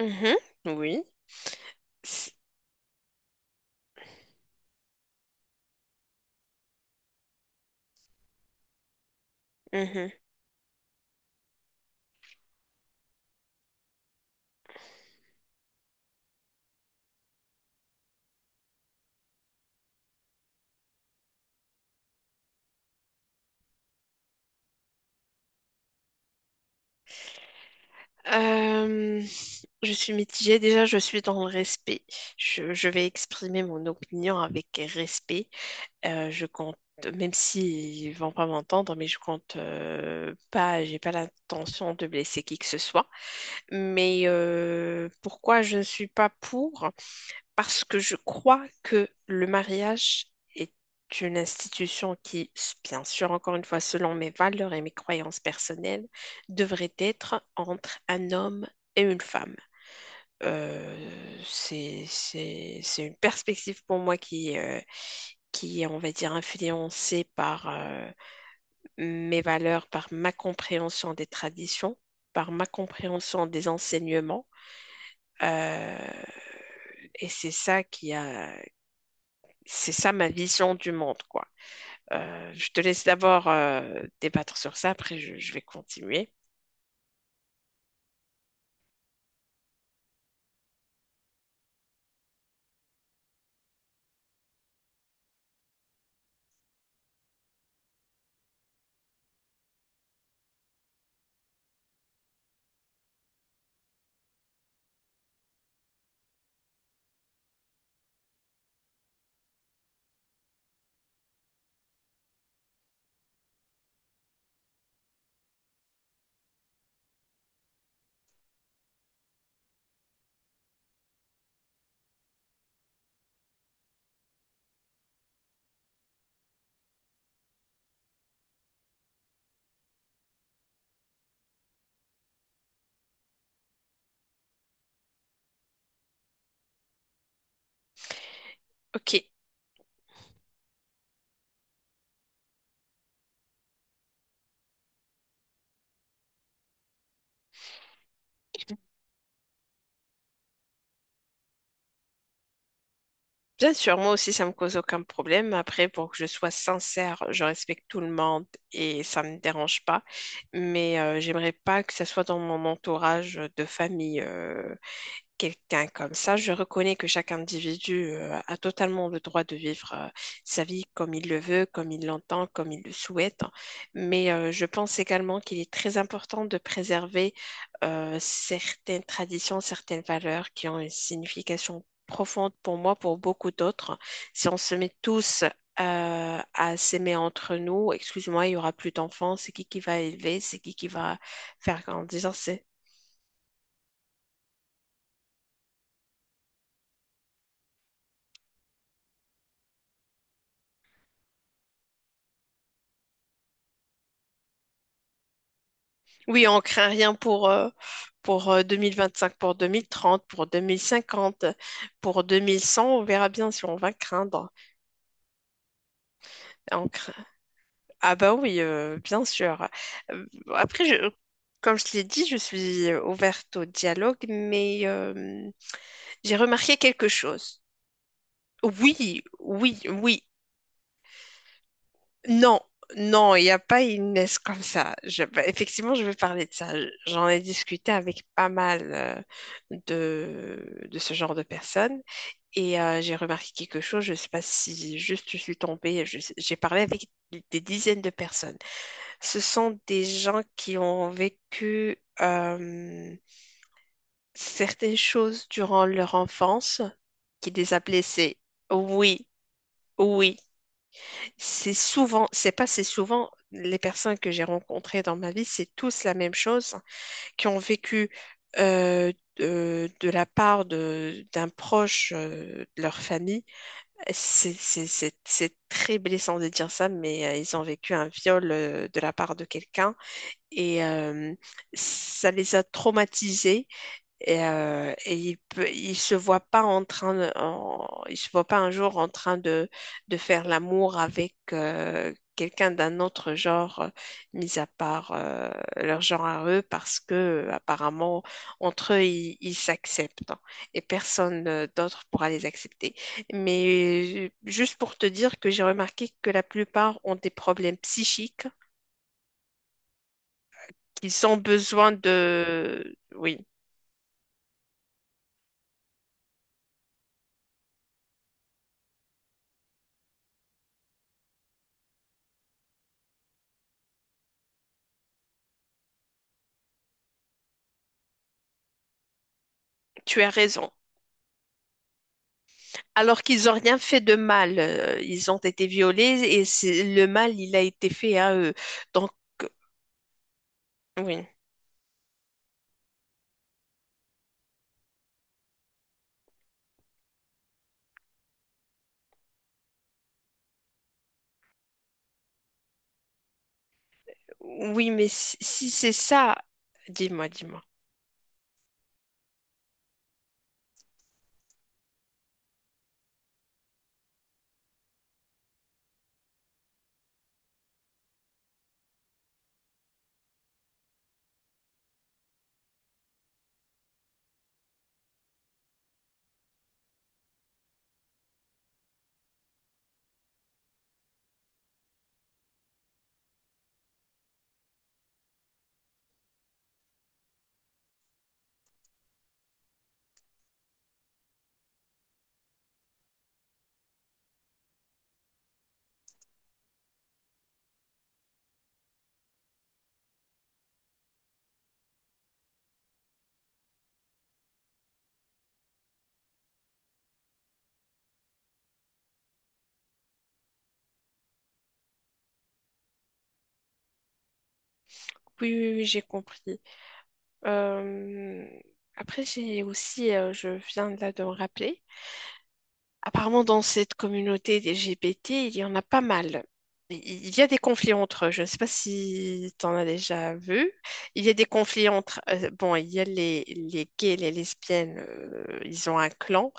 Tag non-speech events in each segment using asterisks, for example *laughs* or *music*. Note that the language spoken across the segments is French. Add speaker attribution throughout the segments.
Speaker 1: Mhm, oui. Mhm. Euh, je suis mitigée. Déjà, je suis dans le respect. Je vais exprimer mon opinion avec respect. Je compte, même s'ils vont pas m'entendre, mais je compte pas, j'ai pas l'intention de blesser qui que ce soit. Mais pourquoi je ne suis pas pour? Parce que je crois que le mariage est une institution qui, bien sûr, encore une fois, selon mes valeurs et mes croyances personnelles, devrait être entre un homme et une femme. C'est une perspective pour moi qui est, on va dire, influencée par mes valeurs, par ma compréhension des traditions, par ma compréhension des enseignements. Euh, et c'est ça qui a, c'est ça ma vision du monde, quoi. Je te laisse d'abord débattre sur ça, après je vais continuer. Ok, bien sûr, moi aussi ça me cause aucun problème. Après, pour que je sois sincère, je respecte tout le monde et ça ne me dérange pas. Mais j'aimerais pas que ça soit dans mon entourage de famille. Quelqu'un comme ça. Je reconnais que chaque individu a totalement le droit de vivre sa vie comme il le veut, comme il l'entend, comme il le souhaite. Mais je pense également qu'il est très important de préserver certaines traditions, certaines valeurs qui ont une signification profonde pour moi, pour beaucoup d'autres. Si on se met tous à s'aimer entre nous, excuse-moi, il y aura plus d'enfants, c'est qui va élever, c'est qui va faire grandir, c'est Oui, on craint rien pour 2025, pour 2030, pour 2050, pour 2100. On verra bien si on va craindre. On cra- Ah bah oui, bien sûr. Euh, Après, je- Comme je l'ai dit, je suis ouverte au dialogue, mais j'ai remarqué quelque chose. Oui, oui, oui. Non, non, il n'y a pas une Inès comme ça. Bah, effectivement, je vais parler de ça. J'en ai discuté avec pas mal de ce genre de personnes et j'ai remarqué quelque chose. Je ne sais pas si juste je suis tombée. J'ai parlé avec des dizaines de personnes. Ce sont des gens qui ont vécu certaines choses durant leur enfance qui les a blessés. Oui, oui. C'est souvent, c'est pas c'est souvent, les personnes que j'ai rencontrées dans ma vie, c'est tous la même chose, hein, qui ont vécu de la part de d'un proche de leur famille. C'est très blessant de dire ça, mais ils ont vécu un viol de la part de quelqu'un et ça les a traumatisés. Et il se voit pas en train il se voit pas un jour en train de faire l'amour avec quelqu'un d'un autre genre, mis à part leur genre à eux, parce que apparemment entre eux ils s'acceptent, hein, et personne d'autre pourra les accepter. Mais juste pour te dire que j'ai remarqué que la plupart ont des problèmes psychiques, qu'ils ont besoin oui, tu as raison. Alors qu'ils n'ont rien fait de mal, ils ont été violés et le mal, il a été fait à eux. Donc, euh, oui, oui, mais si c'est ça, dis-moi, dis-moi. Oui, oui, oui, j'ai compris. Euh, après, j'ai aussi, je viens là de me rappeler. Apparemment, dans cette communauté des LGBT, il y en a pas mal. Il il y a des conflits entre eux. Je ne sais pas si tu en as déjà vu. Il y a des conflits entre… bon, il y a les gays, les lesbiennes, ils ont un clan.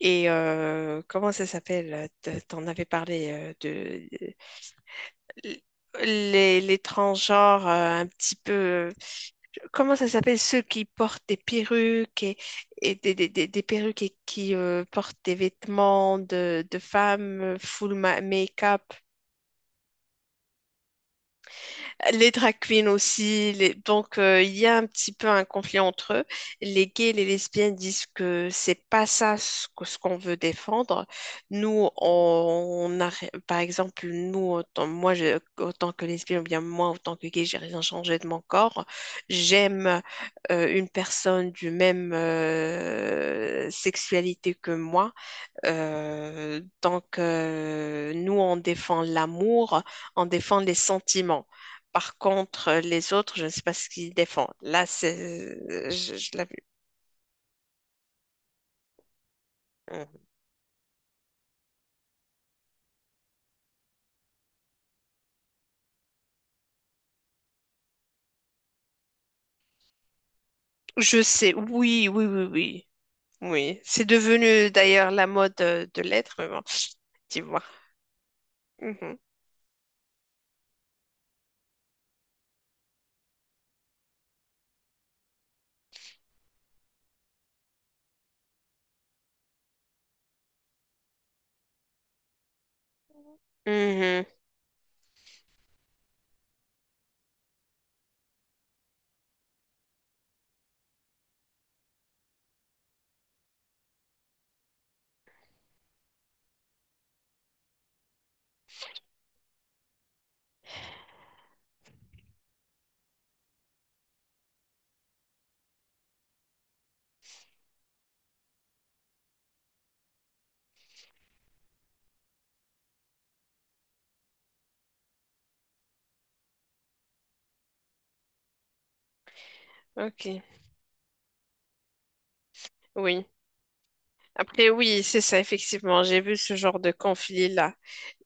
Speaker 1: Et comment ça s'appelle? T'en avais parlé de l- les transgenres un petit peu. euh, Comment ça s'appelle? Ceux qui portent des perruques et des perruques et qui portent des vêtements de femmes, full make-up. Les drag queens aussi. Donc, il y a un petit peu un conflit entre eux. Les gays et les lesbiennes disent que c'est pas ça ce qu'on veut défendre. Nous, on par exemple, nous, moi, autant que lesbienne, ou bien moi, autant que gay, j'ai rien changé de mon corps. J'aime une personne du même sexualité que moi. Donc, nous, on défend l'amour, on défend les sentiments. Par contre, les autres, je ne sais pas ce qu'ils défendent. Là, c'est, je l'ai vu. Hum. Je sais, oui, oui, oui, oui, oui. C'est devenu d'ailleurs la mode de l'être, mais bon, tu vois. Mhm. Mhm. Ok, oui. Après, oui, c'est ça, effectivement. J'ai vu ce genre de conflit-là.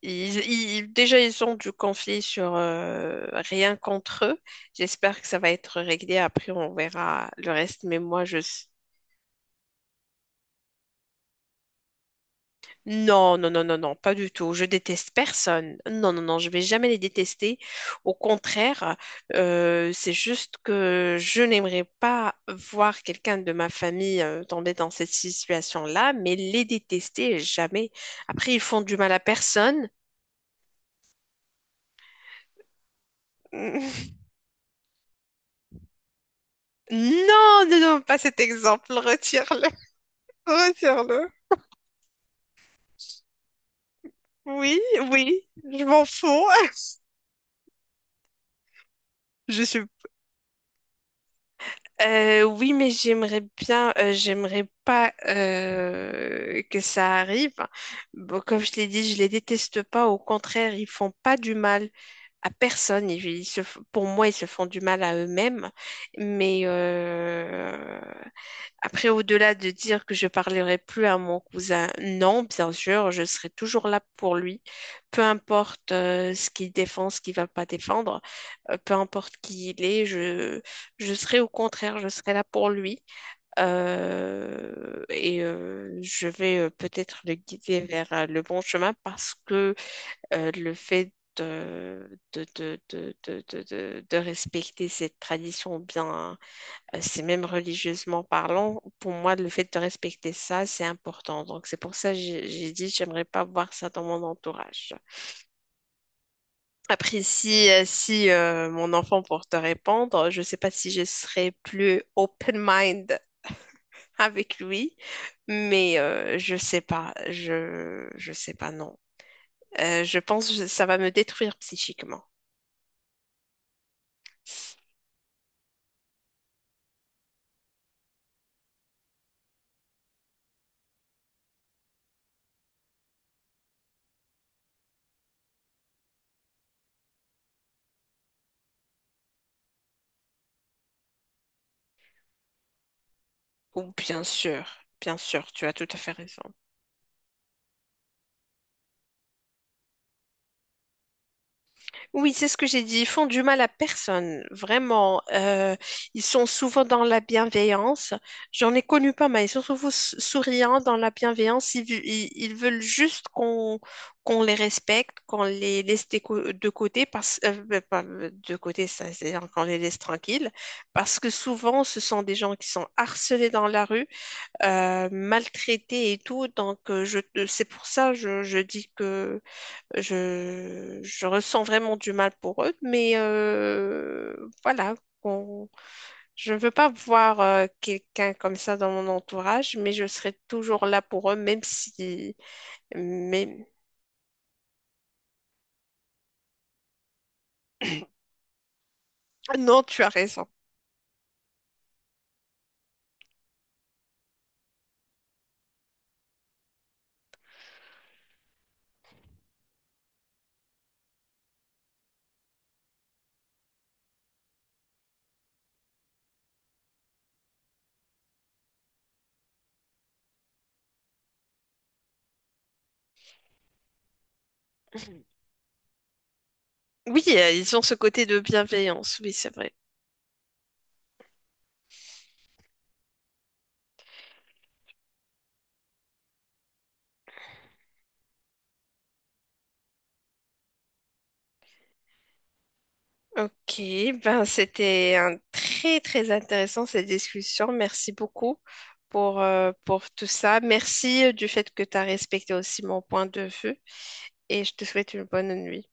Speaker 1: Déjà, ils ont du conflit sur rien contre eux. J'espère que ça va être réglé. Après, on verra le reste. Mais moi, je. Non, non, non, non, non, pas du tout. Je déteste personne. Non, non, non, je vais jamais les détester. Au contraire, c'est juste que je n'aimerais pas voir quelqu'un de ma famille tomber dans cette situation-là, mais les détester jamais. Après, ils font du mal à personne. Non, non, non, pas cet exemple. Retire-le. Retire-le. Oui, oui, je m'en fous. *laughs* Je suis. Oui, mais j'aimerais pas que ça arrive. Bon, comme je l'ai dit, je les déteste pas. Au contraire, ils font pas du mal à personne. Pour moi, ils se font du mal à eux-mêmes. Mais euh, Après, au-delà de dire que je parlerai plus à mon cousin, non, bien sûr, je serai toujours là pour lui, peu importe ce qu'il défend, ce qu'il va pas défendre, peu importe qui il est, je serai au contraire, je serai là pour lui. Et je vais peut-être le guider vers le bon chemin parce que le fait de respecter cette tradition bien. C'est même religieusement parlant, pour moi, le fait de respecter ça, c'est important. Donc, c'est pour ça que j'ai dit, j'aimerais pas voir ça dans mon entourage. Après, si, mon enfant, pour te répondre, je sais pas si je serais plus open-mind avec lui, mais je sais pas, je sais pas, non. Je pense que ça va me détruire psychiquement. Ou bien sûr, tu as tout à fait raison. Oui, c'est ce que j'ai dit. Ils font du mal à personne, vraiment. Ils sont souvent dans la bienveillance. J'en ai connu pas mal. Ils sont souvent souriants dans la bienveillance. Ils veulent juste qu'on les respecte, qu'on les laisse de côté, parce, bah, pas de côté, ça, c'est-à-dire qu'on les laisse tranquilles, parce que souvent, ce sont des gens qui sont harcelés dans la rue, maltraités et tout. Donc, c'est pour ça je dis que je ressens vraiment du mal pour eux, mais voilà. qu'on- Je ne veux pas voir quelqu'un comme ça dans mon entourage, mais je serai toujours là pour eux, même si… Mais… Ah non, tu as raison. Oui, ils ont ce côté de bienveillance, oui, c'est vrai. Ok, ben c'était un très très intéressant cette discussion. Merci beaucoup pour tout ça. Merci du fait que tu as respecté aussi mon point de vue et je te souhaite une bonne nuit.